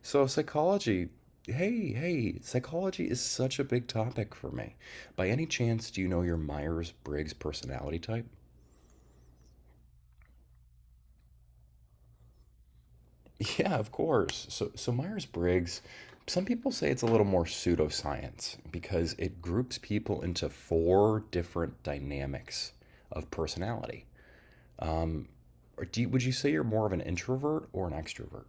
So, psychology, psychology is such a big topic for me. By any chance, do you know your Myers-Briggs personality type? Yeah, of course. So Myers-Briggs, some people say it's a little more pseudoscience because it groups people into four different dynamics of personality. Or would you say you're more of an introvert or an extrovert?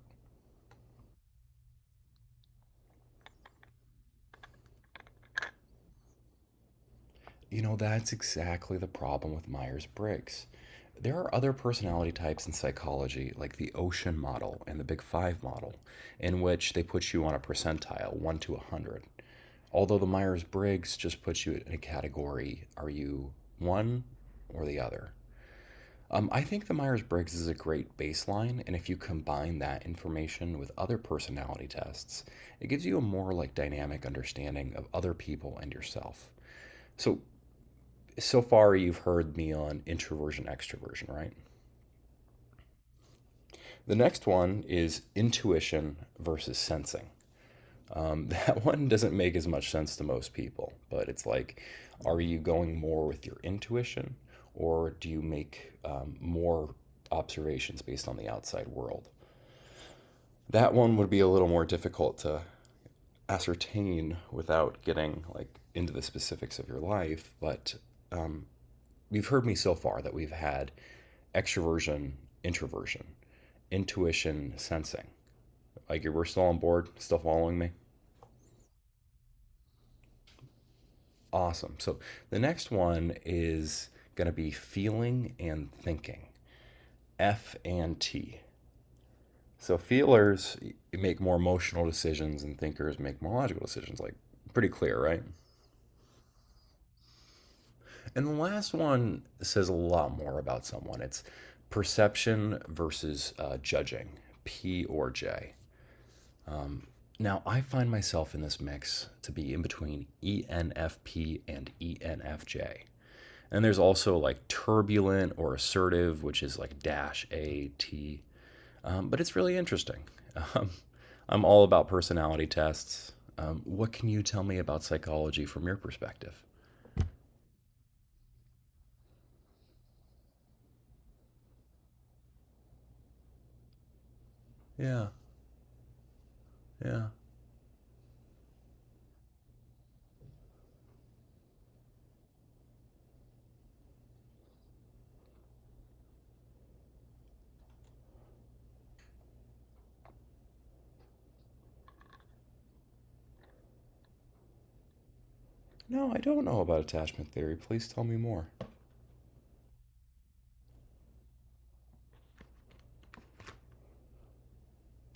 You know, that's exactly the problem with Myers Briggs. There are other personality types in psychology, like the ocean model and the Big Five model, in which they put you on a percentile, 1 to 100. Although the Myers Briggs just puts you in a category, are you one or the other? I think the Myers Briggs is a great baseline, and if you combine that information with other personality tests, it gives you a more like dynamic understanding of other people and yourself. So, so far, you've heard me on introversion, extroversion, right? The next one is intuition versus sensing. That one doesn't make as much sense to most people, but it's like, are you going more with your intuition or do you make more observations based on the outside world? That one would be a little more difficult to ascertain without getting like into the specifics of your life, but you've heard me so far that we've had extroversion, introversion, intuition sensing. Like we're still on board, still following me. Awesome. So the next one is going to be feeling and thinking, F and T. So feelers make more emotional decisions and thinkers make more logical decisions. Like pretty clear, right? And the last one says a lot more about someone. It's perception versus judging, P or J. Now, I find myself in this mix to be in between ENFP and ENFJ. And there's also like turbulent or assertive, which is like dash A T. But it's really interesting. Um, I'm all about personality tests. What can you tell me about psychology from your perspective? Yeah, yeah. No, I don't know about attachment theory. Please tell me more.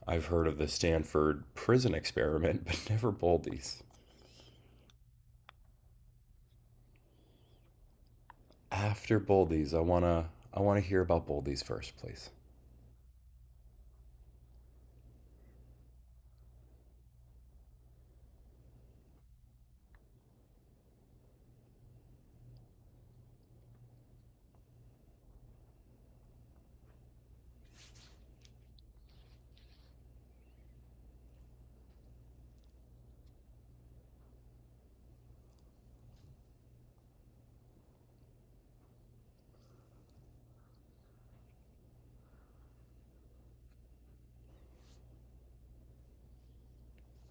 I've heard of the Stanford prison experiment, but never Boldy's. After Boldy's, I wanna hear about Boldy's first, please.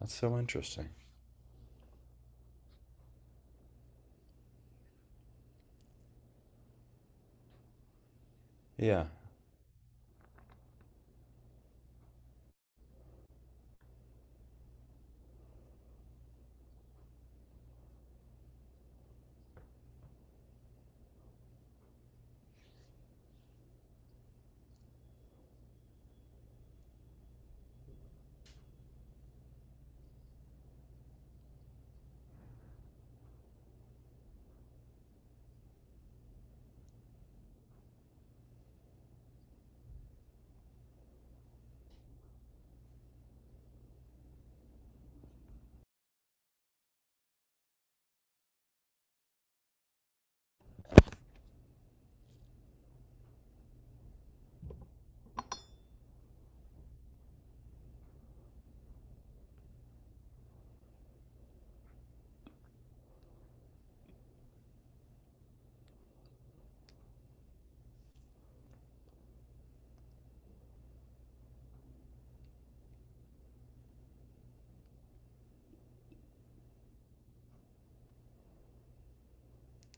That's so interesting. Yeah,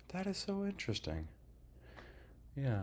that is so interesting. Yeah.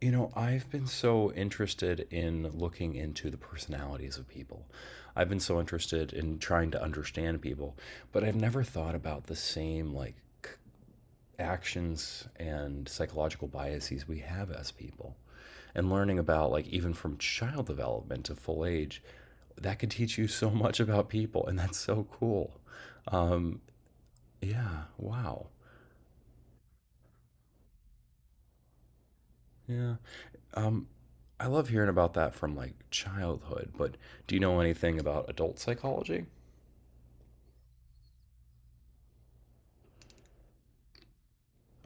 You know, I've been so interested in looking into the personalities of people. I've been so interested in trying to understand people, but I've never thought about the same like actions and psychological biases we have as people. And learning about like even from child development to full age, that could teach you so much about people, and that's so cool. um yeah, wow. Yeah. um I love hearing about that from like childhood, but do you know anything about adult psychology?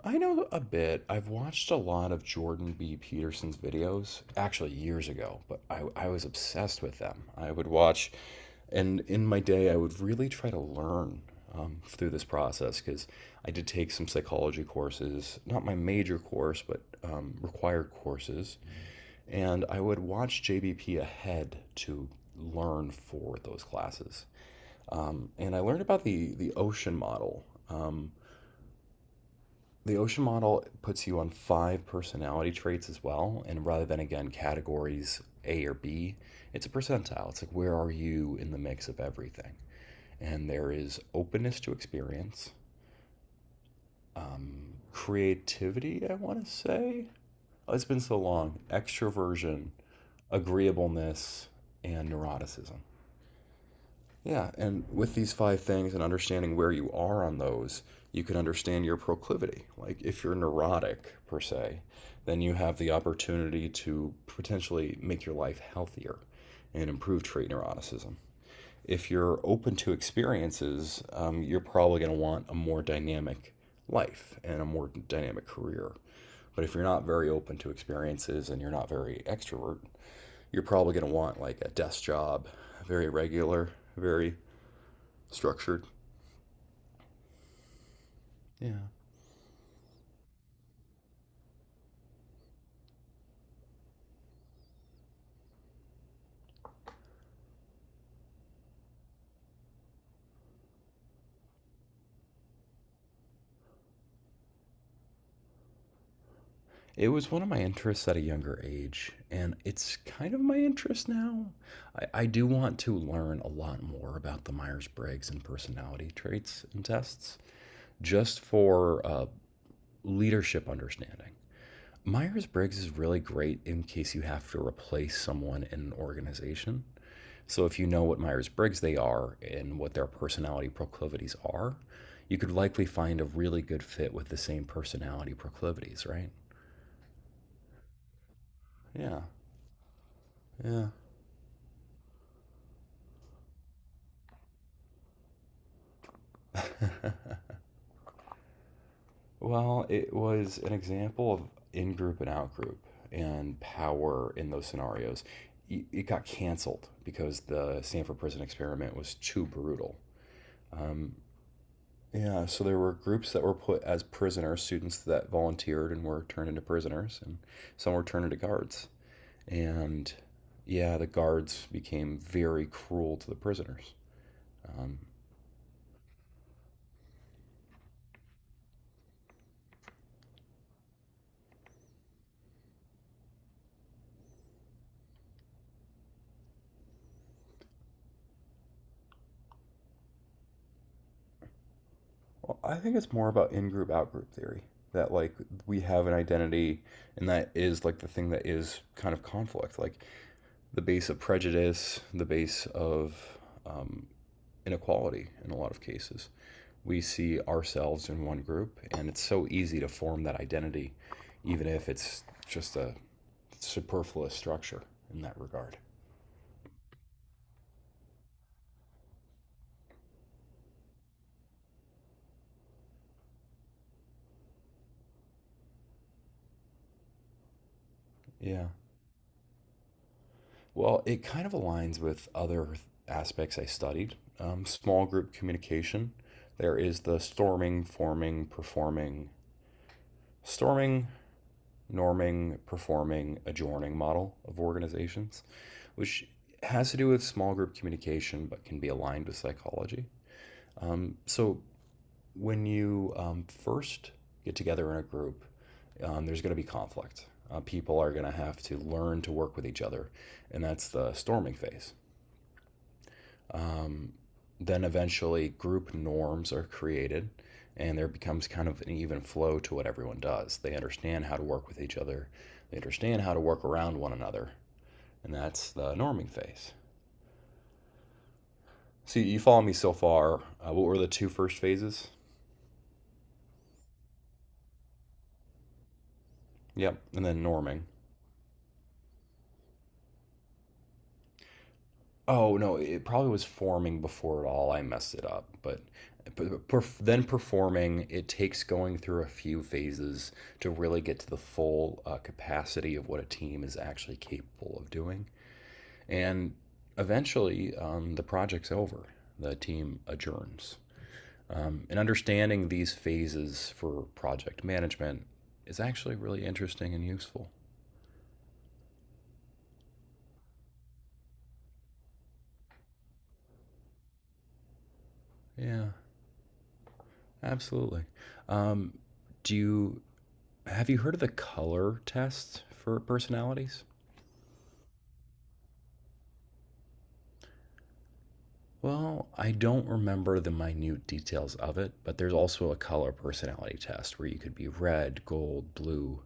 I know a bit. I've watched a lot of Jordan B. Peterson's videos, actually years ago, but I was obsessed with them. I would watch, and in my day, I would really try to learn through this process because I did take some psychology courses, not my major course, but required courses. And I would watch JBP ahead to learn for those classes. And I learned about the ocean model. The ocean model puts you on 5 personality traits as well, and rather than again categories a or b, it's a percentile. It's like, where are you in the mix of everything? And there is openness to experience, creativity, I want to say, oh, it's been so long, extroversion, agreeableness, and neuroticism. Yeah, and with these five things and understanding where you are on those, you can understand your proclivity. Like if you're neurotic per se, then you have the opportunity to potentially make your life healthier and improve trait neuroticism. If you're open to experiences, you're probably going to want a more dynamic life and a more dynamic career. But if you're not very open to experiences and you're not very extrovert, you're probably going to want like a desk job, very regular, very structured. Yeah. It was one of my interests at a younger age, and it's kind of my interest now. I do want to learn a lot more about the Myers Briggs and personality traits and tests just for leadership understanding. Myers Briggs is really great in case you have to replace someone in an organization. So, if you know what Myers Briggs they are and what their personality proclivities are, you could likely find a really good fit with the same personality proclivities, right? Yeah. Yeah. Well, it was an example of in group and out group and power in those scenarios. It got canceled because the Stanford prison experiment was too brutal. Yeah, so there were groups that were put as prisoners, students that volunteered and were turned into prisoners, and some were turned into guards. And yeah, the guards became very cruel to the prisoners. Um, Well, I think it's more about in-group, out-group theory. That like we have an identity, and that is like the thing that is kind of conflict, like the base of prejudice, the base of um, inequality. In a lot of cases, we see ourselves in one group, and it's so easy to form that identity, even if it's just a superfluous structure in that regard. Yeah. Well, it kind of aligns with other aspects I studied. Small group communication. There is the storming, forming, performing, storming, norming, performing, adjourning model of organizations, which has to do with small group communication but can be aligned with psychology. So when you first get together in a group, there's going to be conflict. People are going to have to learn to work with each other, and that's the storming phase. Then eventually, group norms are created, and there becomes kind of an even flow to what everyone does. They understand how to work with each other, they understand how to work around one another, and that's the norming phase. So, you follow me so far. What were the two first phases? Yep, and then norming. Oh, no, it probably was forming before it all. I messed it up, but then performing, it takes going through a few phases to really get to the full capacity of what a team is actually capable of doing. And eventually, the project's over. The team adjourns. And understanding these phases for project management is actually really interesting and useful. Yeah, absolutely. Um, do you, have you heard of the color test for personalities? Well, I don't remember the minute details of it, but there's also a color personality test where you could be red, gold, blue,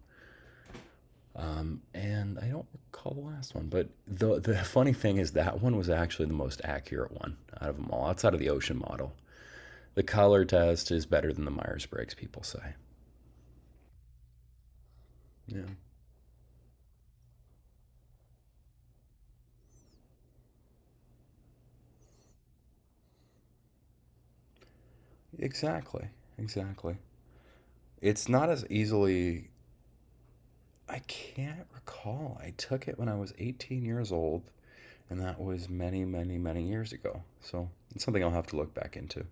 and I don't recall the last one, but the funny thing is that one was actually the most accurate one out of them all, outside of the ocean model. The color test is better than the Myers Briggs, people say. Yeah, exactly, exactly. It's not as easily. I can't recall. I took it when I was 18 years old, and that was many, many, many years ago. So it's something I'll have to look back into.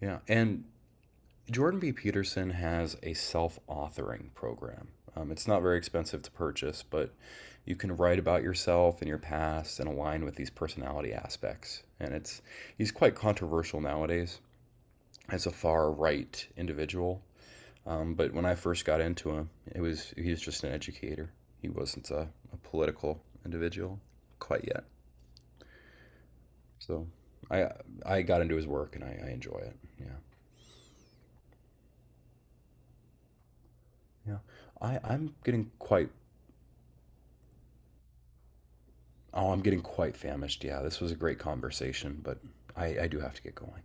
Yeah, and Jordan B. Peterson has a self authoring program. It's not very expensive to purchase, but you can write about yourself and your past and align with these personality aspects. And it's, he's quite controversial nowadays as a far right individual. But when I first got into him, it was he was just an educator. He wasn't a political individual quite yet. So I I got into his work, and I enjoy it. Yeah. Yeah. I, I'm getting quite Oh, I'm getting quite famished. Yeah, this was a great conversation, but I do have to get going.